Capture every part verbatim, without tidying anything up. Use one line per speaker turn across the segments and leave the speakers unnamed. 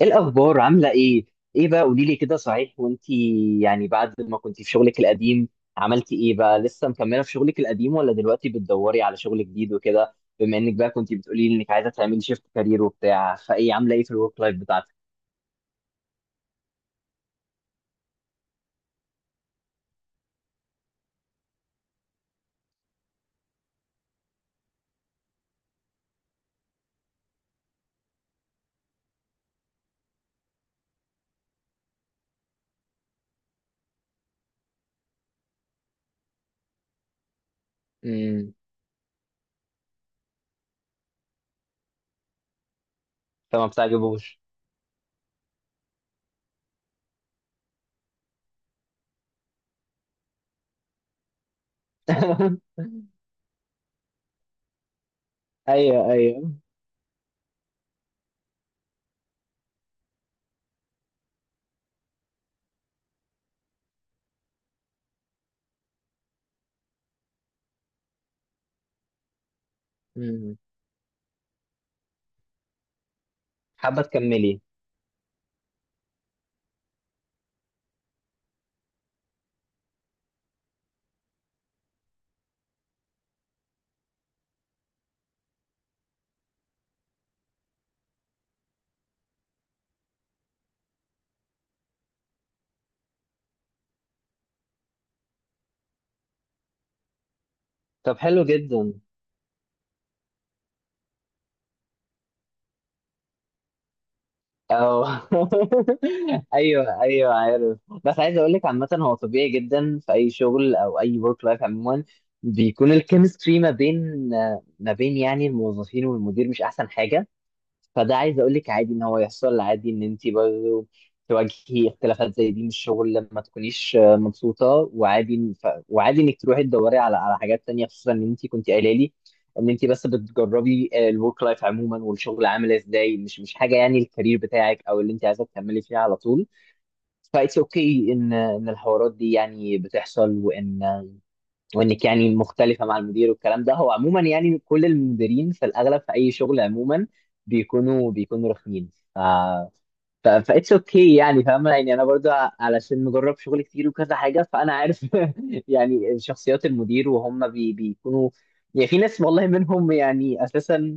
ايه الاخبار؟ عامله ايه؟ ايه بقى، قولي لي كده، صحيح؟ وانتي يعني بعد ما كنتي في شغلك القديم، عملتي ايه بقى؟ لسه مكمله في شغلك القديم ولا دلوقتي بتدوري على شغل جديد وكده؟ بما انك بقى كنتي بتقولي لي انك عايزه تعملي شيفت كارير وبتاع، فايه؟ عامله ايه في الورك لايف بتاعتك؟ امم. فما بتعجبوش. ايوه ايوه. امم، حابه تكملي؟ طب حلو جدا. اه. ايوه ايوه عارف. بس عايز اقول لك، عامه هو طبيعي جدا في اي شغل او اي ورك لايف عموما بيكون الكيمستري ما بين ما بين يعني الموظفين والمدير مش احسن حاجه. فده عايز اقول لك، عادي ان هو يحصل، عادي ان انت برضه تواجهي اختلافات زي دي من الشغل لما تكونيش آه، مبسوطه وعادي إن- ف... وعادي انك تروحي تدوري على على حاجات تانية، خصوصا ان انت كنت قايله لي ان انت بس بتجربي الورك لايف عموما والشغل عامل ازاي، مش مش حاجه يعني الكارير بتاعك او اللي انت عايزه تكملي فيها على طول. فايتس اوكي ان ان الحوارات دي يعني بتحصل، وان وانك يعني مختلفه مع المدير، والكلام ده هو عموما يعني كل المديرين في الاغلب في اي شغل عموما بيكونوا بيكونوا رخمين. ف ف فاتس اوكي يعني. فاهمه يعني، انا برضو علشان مجرب شغل كتير وكذا حاجه فانا عارف. يعني شخصيات المدير وهم بي بيكونوا، يعني في ناس والله منهم يعني اساسا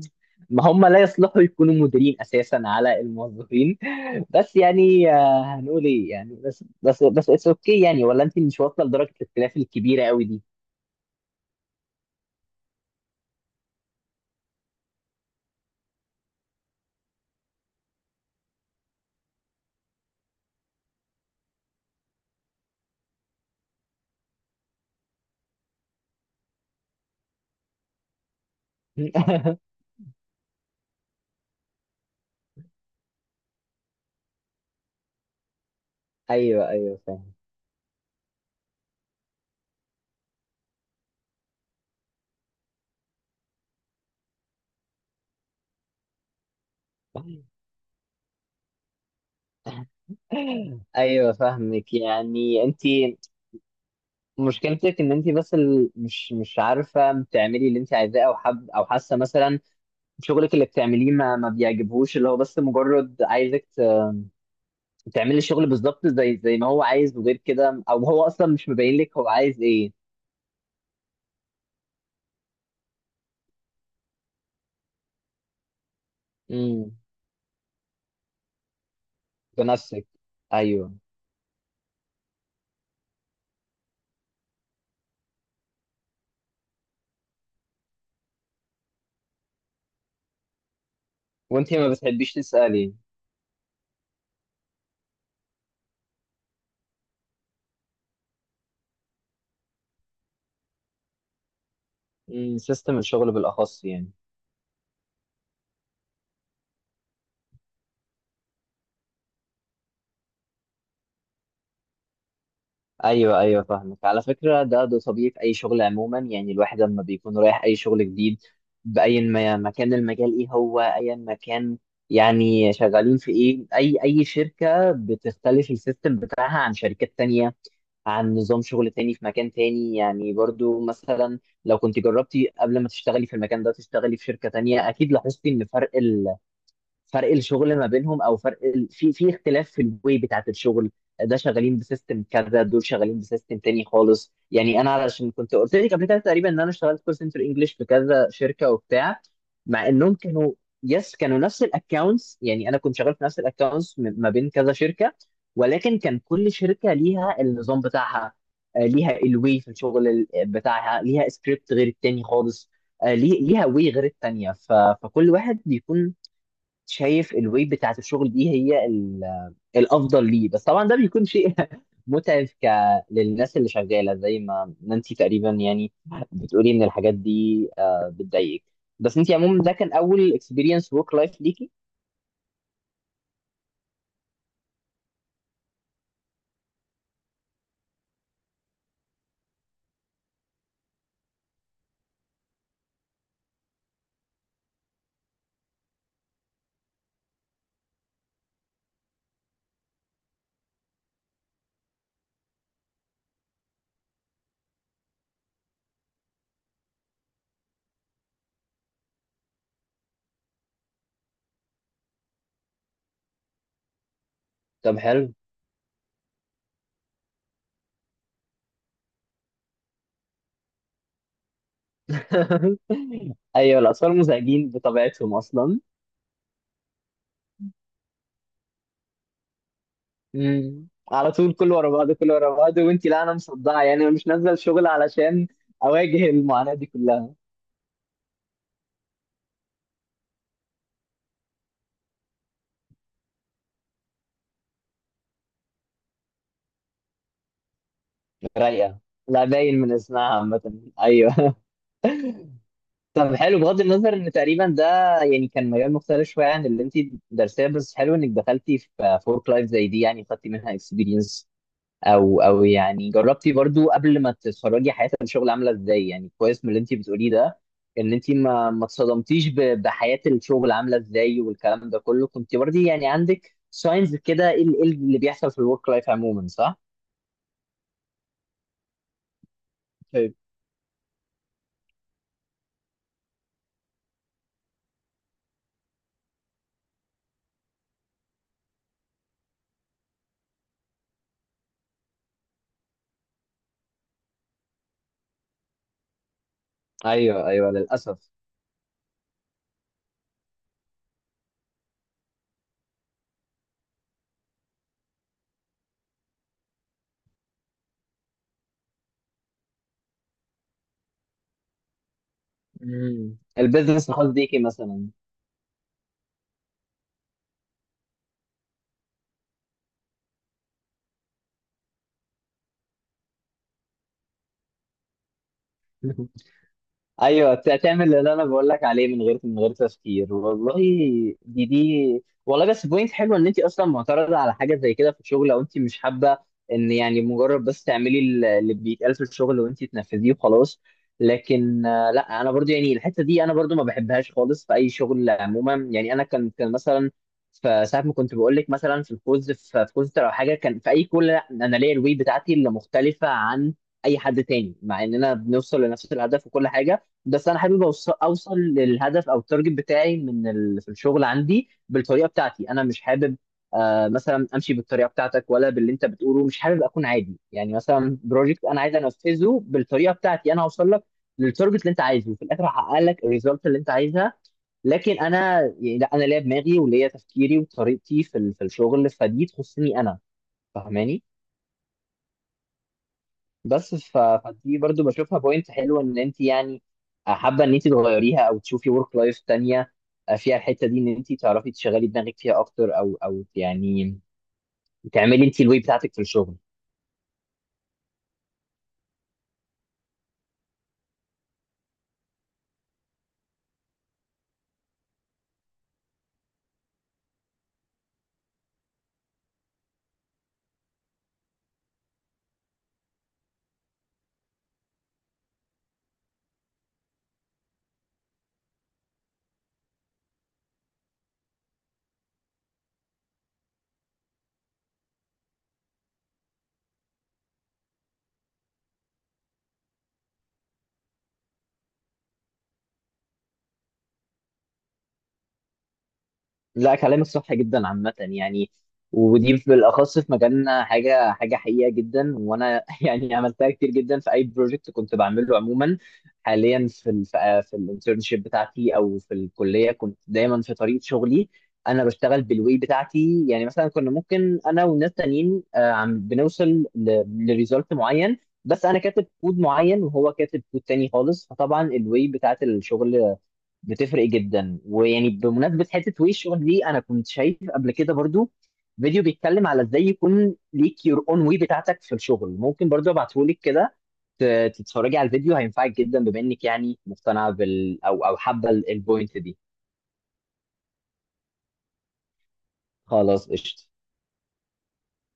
ما هم لا يصلحوا يكونوا مديرين اساسا على الموظفين. بس يعني آه، هنقول ايه يعني، بس بس بس اتس اوكي يعني، ولا انت مش واصله لدرجه الاختلاف الكبيره قوي دي. ايوه ايوه فاهم. ايوه فاهمك يعني، انت مشكلتك ان انت بس ال- مش مش عارفه تعملي اللي انت عايزاه، او حب او حاسه مثلا شغلك اللي بتعمليه ما ما بيعجبهوش، اللي هو بس مجرد عايزك ت- تعملي الشغل بالظبط زي زي ما هو عايز، وغير كده او هو اصلا مش مبين لك هو عايز ايه. امم. بنفسك. ايوه. وانت ما بتحبيش تسالي؟ امم، سيستم الشغل بالاخص يعني. ايوه ايوه فاهمك. على فكره ده ده طبيعي في اي شغل عموما. يعني الواحد لما بيكون رايح اي شغل جديد باي ما ما كان المجال، ايه هو ايا ما كان يعني شغالين في ايه، اي اي شركه بتختلف السيستم بتاعها عن شركات تانية، عن نظام شغل تاني في مكان تاني. يعني برضو مثلا لو كنت جربتي قبل ما تشتغلي في المكان ده تشتغلي في شركه تانية، اكيد لاحظتي ان فرق، فرق الشغل ما بينهم، او فرق ال... في في اختلاف في الواي بتاعت الشغل. ده شغالين بسيستم كذا، دول شغالين بسيستم تاني خالص. يعني انا علشان كنت قلت لك قبل كده تقريبا ان انا اشتغلت كول سنتر انجلش في كذا شركه وبتاع، مع انهم كانوا، يس، كانوا نفس الاكونتس، يعني انا كنت شغال في نفس الاكونتس ما بين كذا شركه، ولكن كان كل شركه ليها النظام بتاعها، آه، ليها الواي في الشغل ال- بتاعها، ليها سكريبت غير التاني خالص، آه، ليه- ليها واي غير التانيه. ف... فكل واحد بيكون شايف الويب بتاعت الشغل دي هي ال- الافضل ليه. بس طبعا ده بيكون شيء متعب ك للناس اللي شغاله زي ما انت تقريبا، يعني بتقولي ان الحاجات دي آه، بتضايقك. بس انت عموما ده كان اول اكسبيرينس ورك لايف ليكي؟ طب حلو. ايوه الاطفال مزعجين بطبيعتهم اصلا. مم. على طول، كل ورا بعض كل ورا بعض، وانت لا، انا مصدعه يعني، انا مش نازله الشغل علشان اواجه المعاناه دي كلها. رايقه؟ لا باين من اسمها عامة. ايوه. طب حلو، بغض النظر ان تقريبا ده يعني كان مجال مختلف شويه عن اللي انت درسيه، بس حلو انك دخلتي في فورك لايف زي دي، يعني خدتي منها اكسبيرينس، او او يعني جربتي برضو قبل ما تتخرجي حياه الشغل عامله ازاي. يعني كويس من اللي انت بتقوليه ده ان انت ما ما اتصدمتيش ب- بحياه الشغل عامله ازاي، والكلام ده كله كنت برضي يعني عندك ساينز كده ايه ال- إيه اللي بيحصل في الورك لايف عموما، صح؟ طيب. ايوه ايوه للاسف. مم، البيزنس الخاص بيكي مثلا. ايوه بت- تعمل اللي انا بقول لك عليه من غير من غير تفكير. والله دي دي والله بس بوينت حلوه ان انت اصلا معترضه على حاجه زي كده في الشغل، او انت مش حابه ان يعني مجرد بس تعملي ال- اللي بيتقال في الشغل وانت تنفذيه وخلاص. لكن آه، لا انا برضو يعني الحته دي انا برضو ما بحبهاش خالص في اي شغل عموما. يعني انا كان كان مثلا في ساعه ما كنت بقول لك مثلا في الكوز، في في كوز او حاجه، كان في اي كول لا انا ليا الوي بتاعتي اللي مختلفه عن اي حد تاني، مع اننا بنوصل لنفس الهدف وكل حاجه. بس انا حابب أوص- اوصل للهدف او التارجت بتاعي من ال... في الشغل عندي بالطريقه بتاعتي انا، مش حابب آه مثلا امشي بالطريقه بتاعتك ولا باللي انت بتقوله. مش حابب اكون عادي يعني، مثلا بروجكت انا عايز انفذه بالطريقه بتاعتي انا، هوصل لك للتارجت اللي انت عايزه في الاخر، هحقق لك الريزلت اللي انت عايزها، لكن انا يعني لا انا ليا دماغي وليا تفكيري وطريقتي في ال... في الشغل، فدي تخصني انا، فاهماني؟ بس ف... فدي برضو بشوفها بوينت حلوه ان انت يعني حابه ان انت تغيريها او تشوفي ورك لايف تانية آه، فيها الحته دي ان انت تعرفي تشغلي دماغك فيها اكتر، او او يعني تعملي انت الواي بتاعتك في الشغل. لا كلامك صح جدا عامة يعني، ودي بالأخص في مجالنا حاجة حاجة حقيقة جدا، وأنا يعني عملتها كتير جدا في أي بروجكت كنت بعمله عموما. حاليا في ال في في الانترنشيب بتاعتي أو في الكلية، كنت دايما في طريق شغلي أنا بشتغل بالواي بتاعتي. يعني مثلا كنا ممكن أنا وناس تانيين آه، عم بنوصل لريزلت معين، بس أنا كاتب كود معين وهو كاتب كود تاني خالص، فطبعا الواي بتاعت الشغل بتفرق جدا. ويعني بمناسبه حته ويشو دي، انا كنت شايف قبل كده برضو فيديو بيتكلم على ازاي يكون ليك يور اون واي بتاعتك في الشغل، ممكن برضو ابعته لك كده ت- تتفرجي على الفيديو، هينفعك جدا بما انك يعني مقتنعه بال او او حابه ال- البوينت دي. خلاص قشطه.